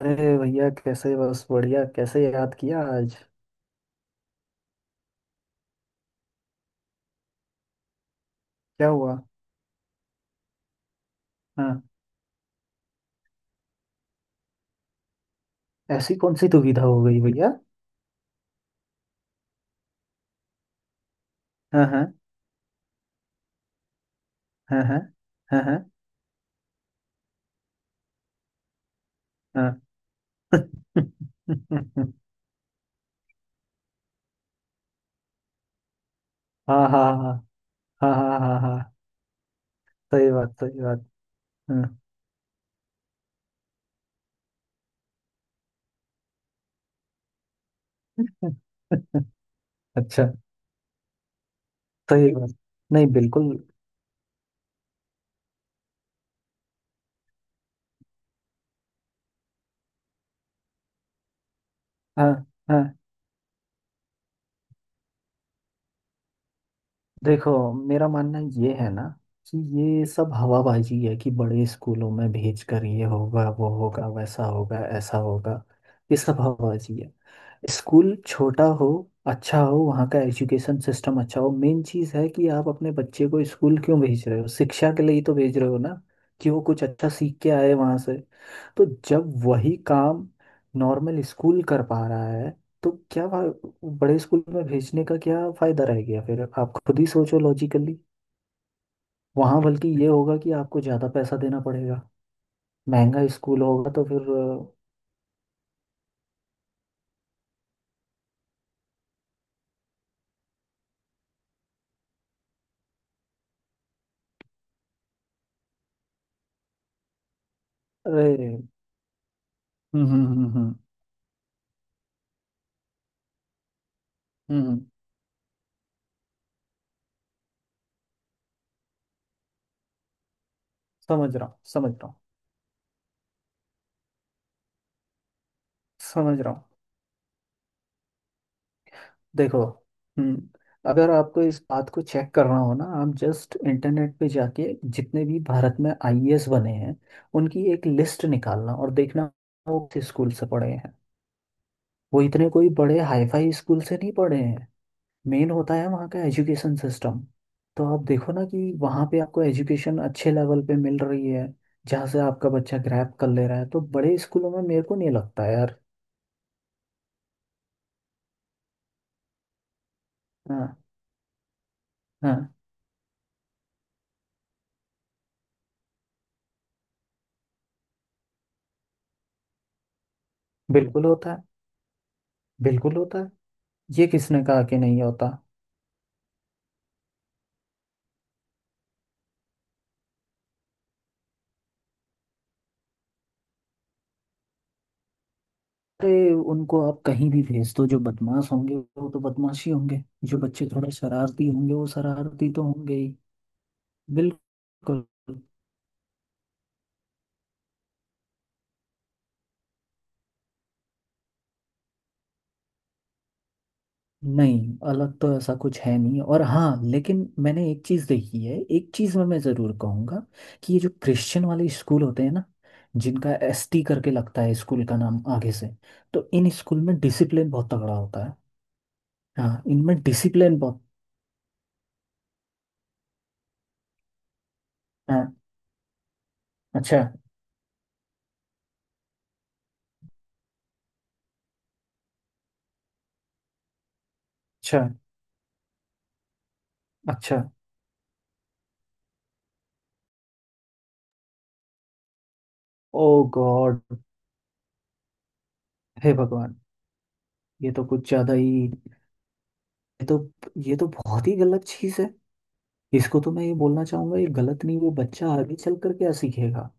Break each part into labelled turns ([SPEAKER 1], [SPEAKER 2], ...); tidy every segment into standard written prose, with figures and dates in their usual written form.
[SPEAKER 1] अरे भैया, कैसे? बस बढ़िया। कैसे याद किया आज? क्या हुआ? हाँ। ऐसी कौन सी दुविधा हो गई भैया? हाँ हाँ हाँ, हाँ। हाँ, हाँ। हाँ। हाँ, हाँ, हाँ। हाँ, हाँ, हाँ, हाँ। सही बात, सही बात। हाँ। अच्छा। सही बात। नहीं, बिल्कुल। हाँ। हाँ। देखो, मेरा मानना ये है ना, कि ये सब हवाबाजी है कि बड़े स्कूलों में भेज कर ये होगा, वो होगा, वैसा होगा, ऐसा होगा। ये सब हवाबाजी है। स्कूल छोटा हो, अच्छा हो, वहाँ का एजुकेशन सिस्टम अच्छा हो। मेन चीज़ है कि आप अपने बच्चे को स्कूल क्यों भेज रहे हो? शिक्षा के लिए ही तो भेज रहे हो ना, कि वो कुछ अच्छा सीख के आए वहाँ से। तो जब वही काम नॉर्मल स्कूल कर पा रहा है, तो बड़े स्कूल में भेजने का क्या फ़ायदा रह गया फिर? आप खुद ही सोचो लॉजिकली। वहाँ बल्कि ये होगा कि आपको ज़्यादा पैसा देना पड़ेगा। महंगा स्कूल होगा तो फिर। अरे। हम्म, हम्म, हम्म, हम्म। हम्म। समझ रहा हूँ, समझ रहा हूँ। समझ रहा हूँ। देखो। हम्म। अगर आपको इस बात को चेक करना हो ना, आप जस्ट इंटरनेट पे जाके जितने भी भारत में आईएएस बने हैं, उनकी एक लिस्ट निकालना और देखना। वो किस स्कूल से पढ़े हैं? वो इतने कोई बड़े हाईफाई स्कूल से नहीं पढ़े हैं। मेन होता है वहाँ का एजुकेशन सिस्टम। तो आप देखो ना कि वहाँ पे आपको एजुकेशन अच्छे लेवल पे मिल रही है, जहाँ से आपका बच्चा ग्रैब कर ले रहा है। तो बड़े स्कूलों में मेरे को नहीं लगता यार। हाँ, हाँ। बिल्कुल होता है, बिल्कुल होता है। ये किसने कहा कि नहीं होता? अरे, उनको आप कहीं भी भेज दो। जो बदमाश होंगे, वो तो बदमाश ही होंगे। जो बच्चे थोड़े शरारती होंगे, वो शरारती तो होंगे ही। बिल्कुल। नहीं, अलग तो ऐसा कुछ है नहीं। और हाँ, लेकिन मैंने एक चीज़ देखी है, एक चीज़ में मैं ज़रूर कहूँगा, कि ये जो क्रिश्चियन वाले स्कूल होते हैं ना, जिनका एसटी करके लगता है स्कूल का नाम आगे से, तो इन स्कूल में डिसिप्लिन बहुत तगड़ा होता है। हाँ, इनमें डिसिप्लिन बहुत। हाँ। अच्छा। अच्छा। अच्छा। ओ गॉड। हे भगवान। ये तो कुछ ज्यादा ही। ये तो ये तो बहुत ही गलत चीज है। इसको तो मैं ये बोलना चाहूंगा, ये गलत नहीं? वो बच्चा आगे चल कर क्या सीखेगा?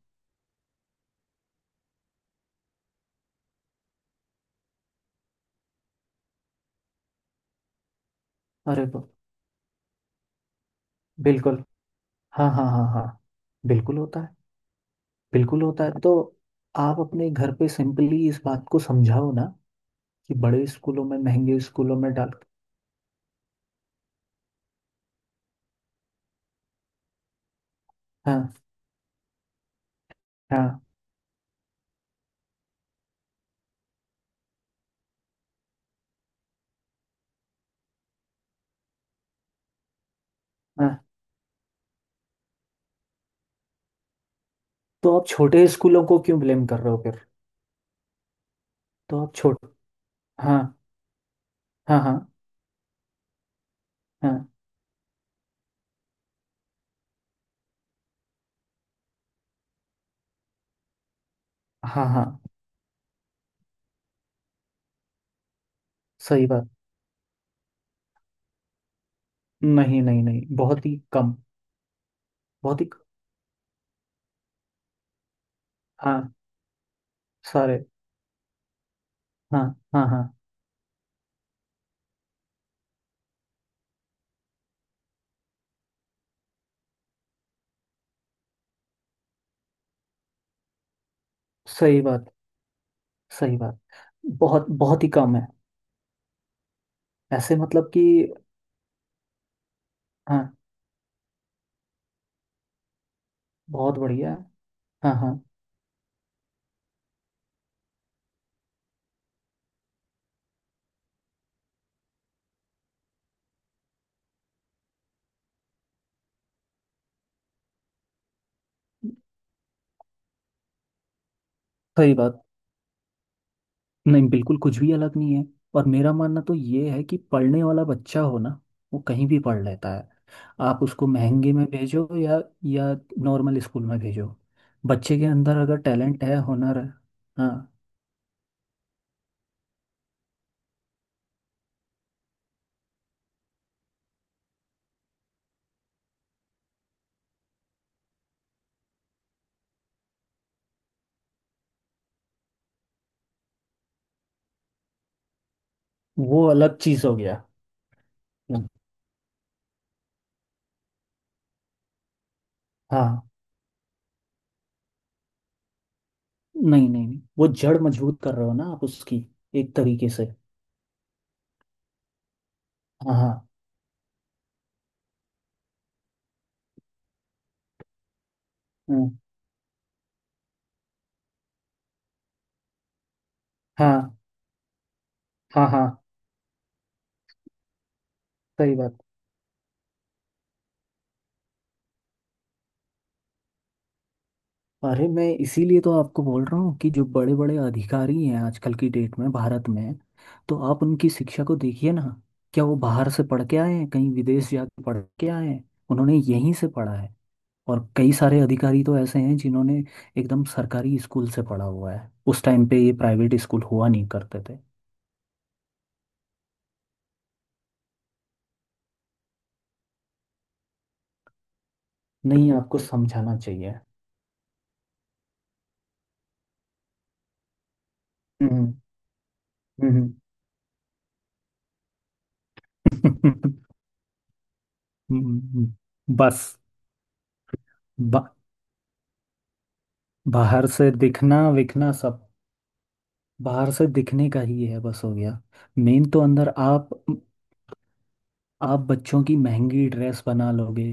[SPEAKER 1] अरे ब- बिल्कुल। हाँ, हाँ, हाँ, हाँ। बिल्कुल होता है। बिल्कुल होता है तो आप अपने घर पे सिंपली इस बात को समझाओ ना, कि बड़े स्कूलों में, महंगे स्कूलों में डाल। हाँ, हाँ, हाँ। तो आप छोटे स्कूलों को क्यों ब्लेम कर रहे हो फिर? तो आप छोटे हाँ। हाँ, हाँ। हाँ, हाँ, हाँ। सही बात। नहीं, नहीं, नहीं, बहुत ही कम। बहुत ही। हाँ। सारे। हाँ, हाँ। हाँ। सही बात। सही बात। बहुत, बहुत ही कम है। ऐसे मतलब कि, हाँ, बहुत बढ़िया है। हाँ, हाँ। सही बात। नहीं, बिल्कुल कुछ भी अलग नहीं है। और मेरा मानना तो ये है कि पढ़ने वाला बच्चा हो ना, वो कहीं भी पढ़ लेता है। आप उसको महंगे में भेजो या नॉर्मल स्कूल में भेजो, बच्चे के अंदर अगर टैलेंट है, हुनर है। हाँ। वो अलग चीज़ हो गया। हाँ। नहीं, नहीं, नहीं, वो जड़ मजबूत कर रहे हो ना आप उसकी, एक तरीके से। हाँ, हाँ। हम्म। हाँ, हाँ, हाँ। सही बात। अरे, मैं इसीलिए तो आपको बोल रहा हूँ कि जो बड़े बड़े अधिकारी हैं आजकल की डेट में भारत में, तो आप उनकी शिक्षा को देखिए ना। क्या वो बाहर से पढ़ के आए हैं? कहीं विदेश जाके पढ़ के आए हैं? उन्होंने यहीं से पढ़ा है। और कई सारे अधिकारी तो ऐसे हैं जिन्होंने एकदम सरकारी स्कूल से पढ़ा हुआ है। उस टाइम पे ये प्राइवेट स्कूल हुआ नहीं करते थे। नहीं, आपको समझाना चाहिए। हम्म, हम्म। बस। बा, बाहर से दिखना विखना सब, बाहर से दिखने का ही है, बस हो गया। मेन तो अंदर आप बच्चों की महंगी ड्रेस बना लोगे,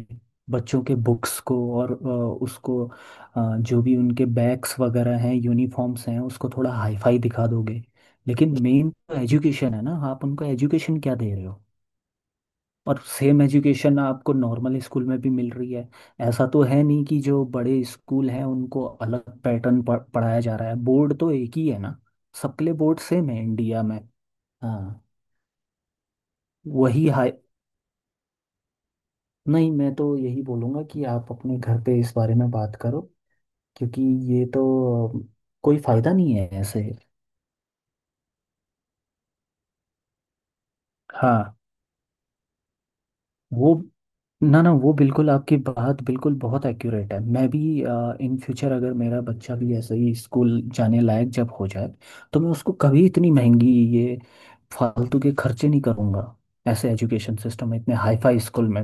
[SPEAKER 1] बच्चों के बुक्स को, और उसको जो भी उनके बैग्स वगैरह हैं, यूनिफॉर्म्स हैं, उसको थोड़ा हाईफाई दिखा दोगे। लेकिन मेन तो एजुकेशन है ना, आप उनको एजुकेशन क्या दे रहे हो? और सेम एजुकेशन आपको नॉर्मल स्कूल में भी मिल रही है। ऐसा तो है नहीं कि जो बड़े स्कूल हैं उनको अलग पैटर्न पढ़ाया जा रहा है। बोर्ड तो एक ही है ना, सबके लिए बोर्ड सेम है इंडिया में। हाँ। वही हाई नहीं, मैं तो यही बोलूँगा कि आप अपने घर पे इस बारे में बात करो। क्योंकि ये तो, कोई फ़ायदा नहीं है ऐसे। हाँ। वो, ना, ना, वो बिल्कुल आपकी बात बिल्कुल बहुत एक्यूरेट है। मैं भी इन फ्यूचर अगर मेरा बच्चा भी ऐसे ही स्कूल जाने लायक जब हो जाए, तो मैं उसको कभी इतनी महंगी, ये फालतू के खर्चे नहीं करूँगा, ऐसे एजुकेशन सिस्टम में, इतने हाईफाई स्कूल में।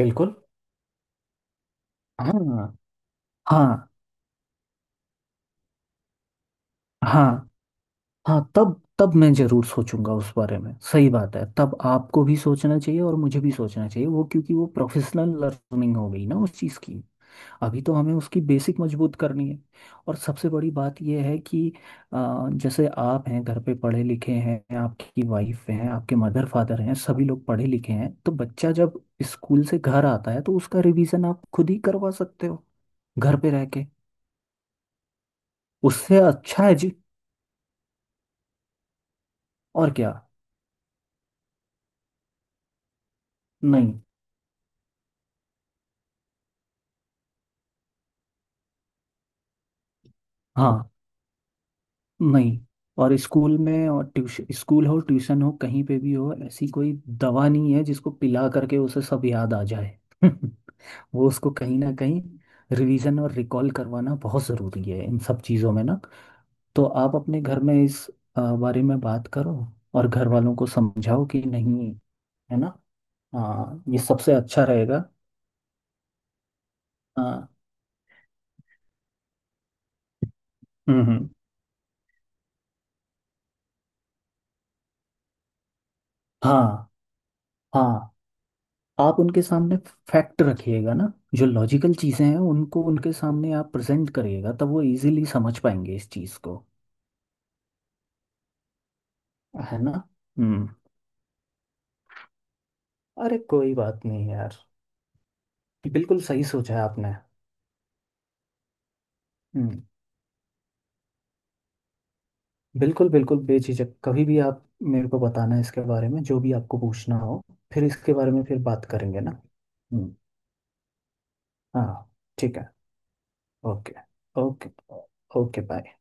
[SPEAKER 1] बिल्कुल। हाँ, हाँ, हाँ, हाँ। तब तब मैं जरूर सोचूंगा उस बारे में। सही बात है, तब आपको भी सोचना चाहिए और मुझे भी सोचना चाहिए, वो, क्योंकि वो प्रोफेशनल लर्निंग हो गई ना उस चीज़ की। अभी तो हमें उसकी बेसिक मजबूत करनी है। और सबसे बड़ी बात यह है कि, जैसे आप हैं, घर पे पढ़े लिखे हैं, आपकी वाइफ हैं, आपके मदर फादर हैं, सभी लोग पढ़े लिखे हैं, तो बच्चा जब स्कूल से घर आता है, तो उसका रिवीजन आप खुद ही करवा सकते हो, घर पे रह के। उससे अच्छा है जी। और क्या। नहीं। हाँ। नहीं। और स्कूल में, और ट्यूशन, स्कूल हो, ट्यूशन हो, कहीं पे भी हो, ऐसी कोई दवा नहीं है जिसको पिला करके उसे सब याद आ जाए। वो उसको कहीं ना कहीं रिवीजन और रिकॉल करवाना बहुत ज़रूरी है इन सब चीज़ों में ना। तो आप अपने घर में इस बारे में बात करो, और घर वालों को समझाओ कि नहीं, है ना? हाँ, ये सबसे अच्छा रहेगा। हाँ। हम्म, हाँ, हाँ। आप उनके सामने फैक्ट रखिएगा ना, जो लॉजिकल चीज़ें हैं उनको उनके सामने आप प्रेजेंट करिएगा, तब वो इजीली समझ पाएंगे इस चीज़ को। है ना? हम्म। अरे, कोई बात नहीं यार। बिल्कुल सही सोचा है आपने। हम्म। बिल्कुल, बिल्कुल, बेझिझक कभी भी आप मेरे को बताना, इसके बारे में जो भी आपको पूछना हो, फिर इसके बारे में फिर बात करेंगे ना। हम्म। हाँ। ठीक है। ओके। ओके। Okay, bye.